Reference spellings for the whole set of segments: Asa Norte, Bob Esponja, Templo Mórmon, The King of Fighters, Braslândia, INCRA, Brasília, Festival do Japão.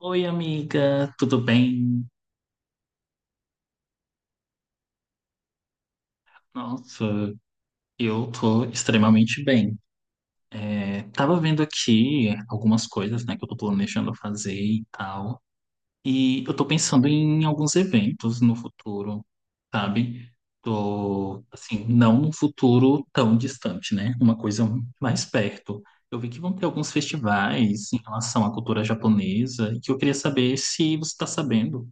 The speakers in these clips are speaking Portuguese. Oi, amiga, tudo bem? Nossa, eu tô extremamente bem. É, tava vendo aqui algumas coisas, né, que eu tô planejando fazer e tal. E eu tô pensando em alguns eventos no futuro, sabe? Tô, assim, não num futuro tão distante, né? Uma coisa mais perto. Eu vi que vão ter alguns festivais em relação à cultura japonesa, que eu queria saber se você tá sabendo.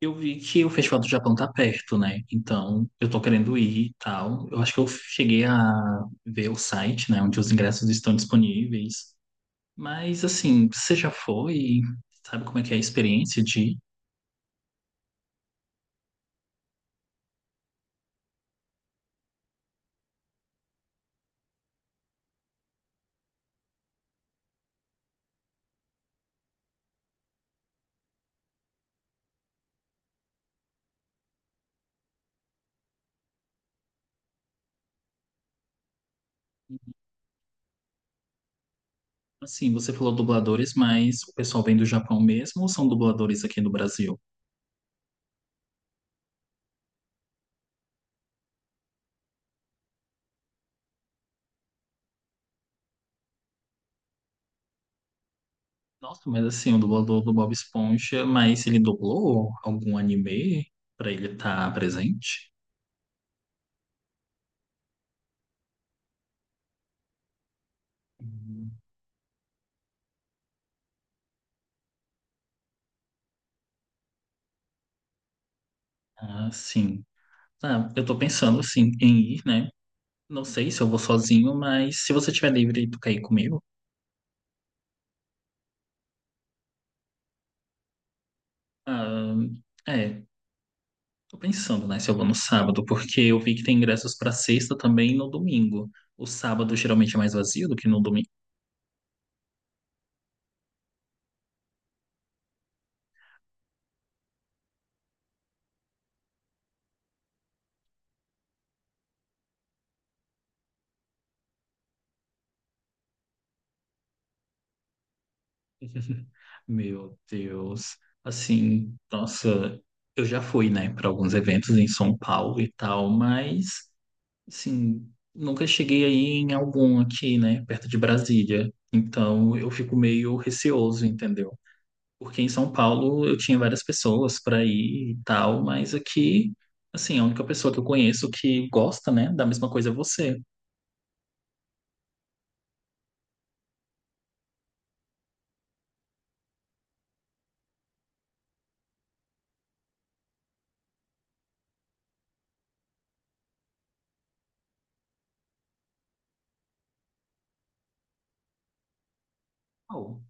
Eu vi que o Festival do Japão tá perto, né? Então, eu tô querendo ir e tal. Eu acho que eu cheguei a ver o site, né, onde os ingressos estão disponíveis. Mas, assim, você já foi? Sabe como é que é a experiência de... Assim, você falou dubladores, mas o pessoal vem do Japão mesmo ou são dubladores aqui no Brasil? Nossa, mas assim, o dublador do Bob Esponja, mas ele dublou algum anime pra ele estar presente? Hum. Ah, sim. Ah, eu tô pensando, assim, em ir, né? Não sei se eu vou sozinho, mas se você tiver livre e tu quer ir comigo. Ah, é, tô pensando, né, se eu vou no sábado, porque eu vi que tem ingressos pra sexta também e no domingo. O sábado geralmente é mais vazio do que no domingo. Meu Deus. Assim, nossa, eu já fui, né, para alguns eventos em São Paulo e tal, mas, assim, nunca cheguei aí em algum aqui, né, perto de Brasília. Então, eu fico meio receoso, entendeu? Porque em São Paulo eu tinha várias pessoas para ir e tal, mas aqui, assim, a única pessoa que eu conheço que gosta, né, da mesma coisa é você. Qual?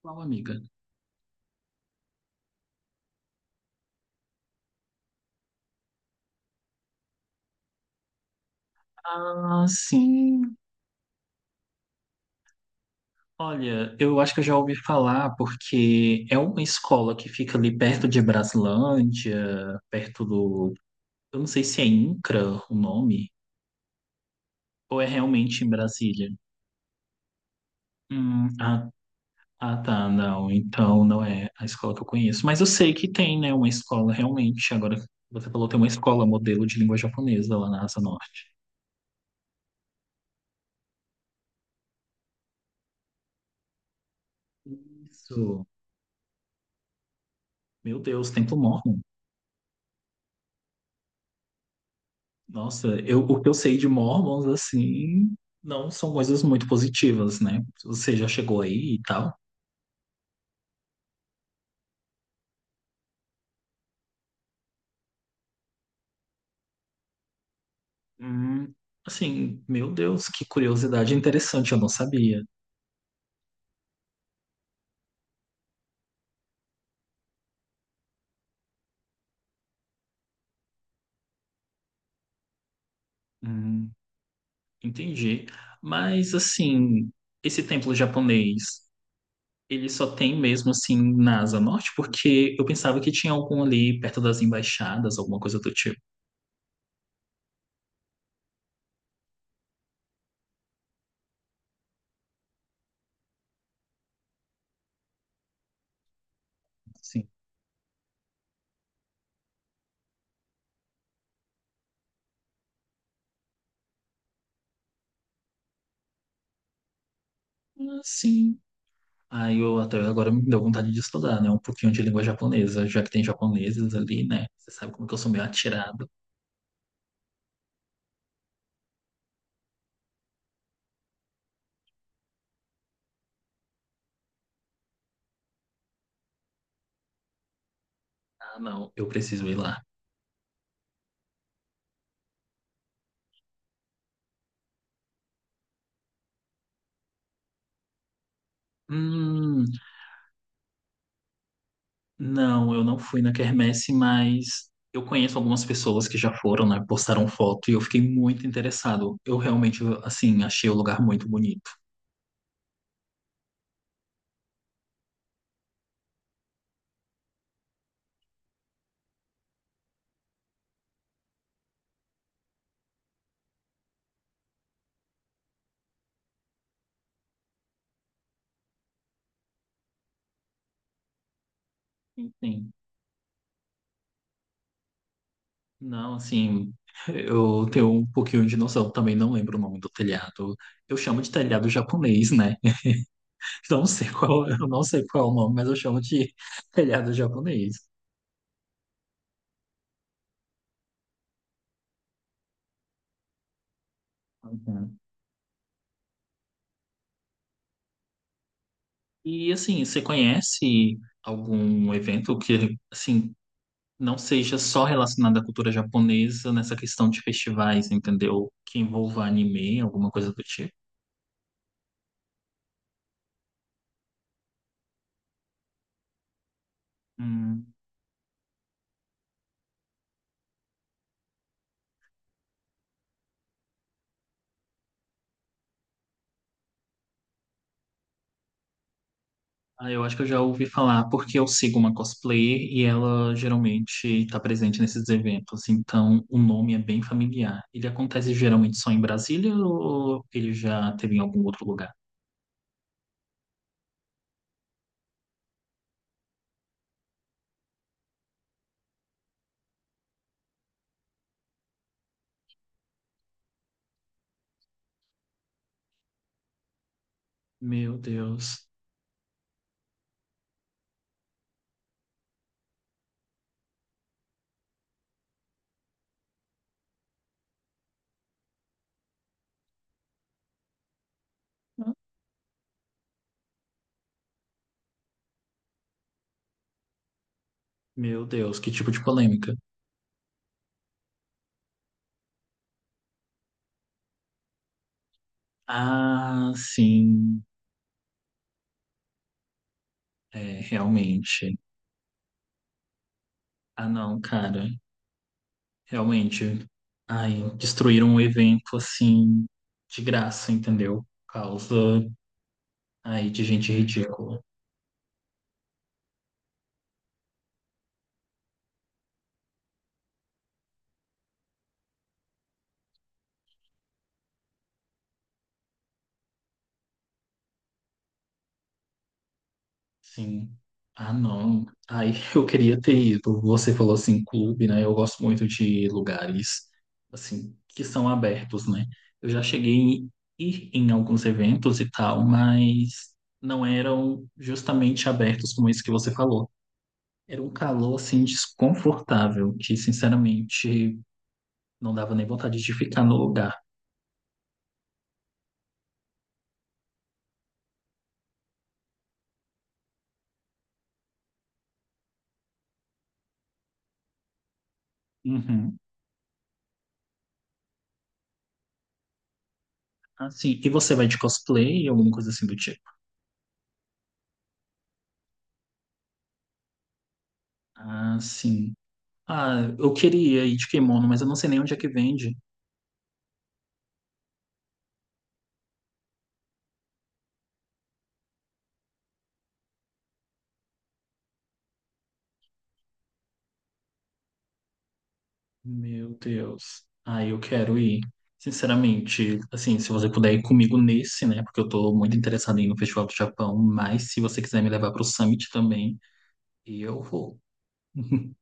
Qual amiga? Ah, sim. Olha, eu acho que eu já ouvi falar porque é uma escola que fica ali perto de Braslândia, perto do. Eu não sei se é INCRA o nome, ou é realmente em Brasília. Ah, Ah, tá, não. Então não é a escola que eu conheço. Mas eu sei que tem, né, uma escola realmente. Agora você falou, tem uma escola modelo de língua japonesa lá na Asa Norte. Isso. Meu Deus, Templo Mórmon. Nossa, eu, o que eu sei de Mormons, assim, não são coisas muito positivas, né? Você já chegou aí e tal. Hum, assim, meu Deus, que curiosidade interessante, eu não sabia. Hum, entendi. Mas, assim, esse templo japonês. Ele só tem mesmo assim na Asa Norte, porque eu pensava que tinha algum ali perto das embaixadas, alguma coisa do tipo. Sim. Sim. Aí eu até agora me deu vontade de estudar, né? Um pouquinho de língua japonesa, já que tem japoneses ali, né? Você sabe como que eu sou meio atirado. Ah, não, eu preciso ir lá. Hum, não, eu não fui na quermesse, mas eu conheço algumas pessoas que já foram, né? Postaram foto e eu fiquei muito interessado. Eu realmente, assim, achei o lugar muito bonito. Sim. Não, assim, eu tenho um pouquinho de noção, também não lembro o nome do telhado. Eu chamo de telhado japonês, né? Não sei qual, eu não sei qual é o nome, mas eu chamo de telhado japonês. Uhum. E assim, você conhece algum evento que, assim, não seja só relacionado à cultura japonesa nessa questão de festivais, entendeu? Que envolva anime, alguma coisa do tipo? Ah, eu acho que eu já ouvi falar, porque eu sigo uma cosplayer e ela geralmente está presente nesses eventos, então o nome é bem familiar. Ele acontece geralmente só em Brasília ou ele já teve em algum outro lugar? Meu Deus, que tipo de polêmica. Ah, sim, é, realmente. Ah, não, cara, realmente. Ai, destruíram um evento assim, de graça, entendeu? Por causa aí de gente ridícula. Sim. Ah, não. Aí eu queria ter ido. Você falou assim, clube, né? Eu gosto muito de lugares assim que são abertos, né? Eu já cheguei em ir em alguns eventos e tal, mas não eram justamente abertos como esse que você falou. Era um calor assim desconfortável, que sinceramente não dava nem vontade de ficar no lugar. Uhum. Ah, sim. E você vai de cosplay, alguma coisa assim do tipo? Ah, sim. Ah, eu queria ir de kimono, mas eu não sei nem onde é que vende. Meu Deus. Ah, eu quero ir. Sinceramente, assim, se você puder ir comigo nesse, né? Porque eu tô muito interessado em ir no Festival do Japão, mas se você quiser me levar pro Summit também, eu vou.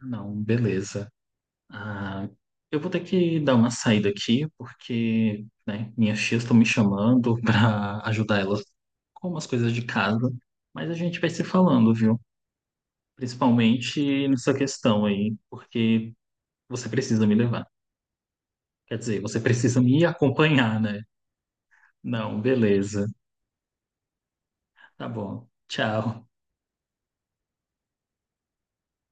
Não, beleza. Ah, eu vou ter que dar uma saída aqui, porque, né, minhas tias estão me chamando para ajudar elas com umas coisas de casa, mas a gente vai se falando, viu? Principalmente nessa questão aí, porque você precisa me levar. Quer dizer, você precisa me acompanhar, né? Não, beleza. Tá bom. Tchau.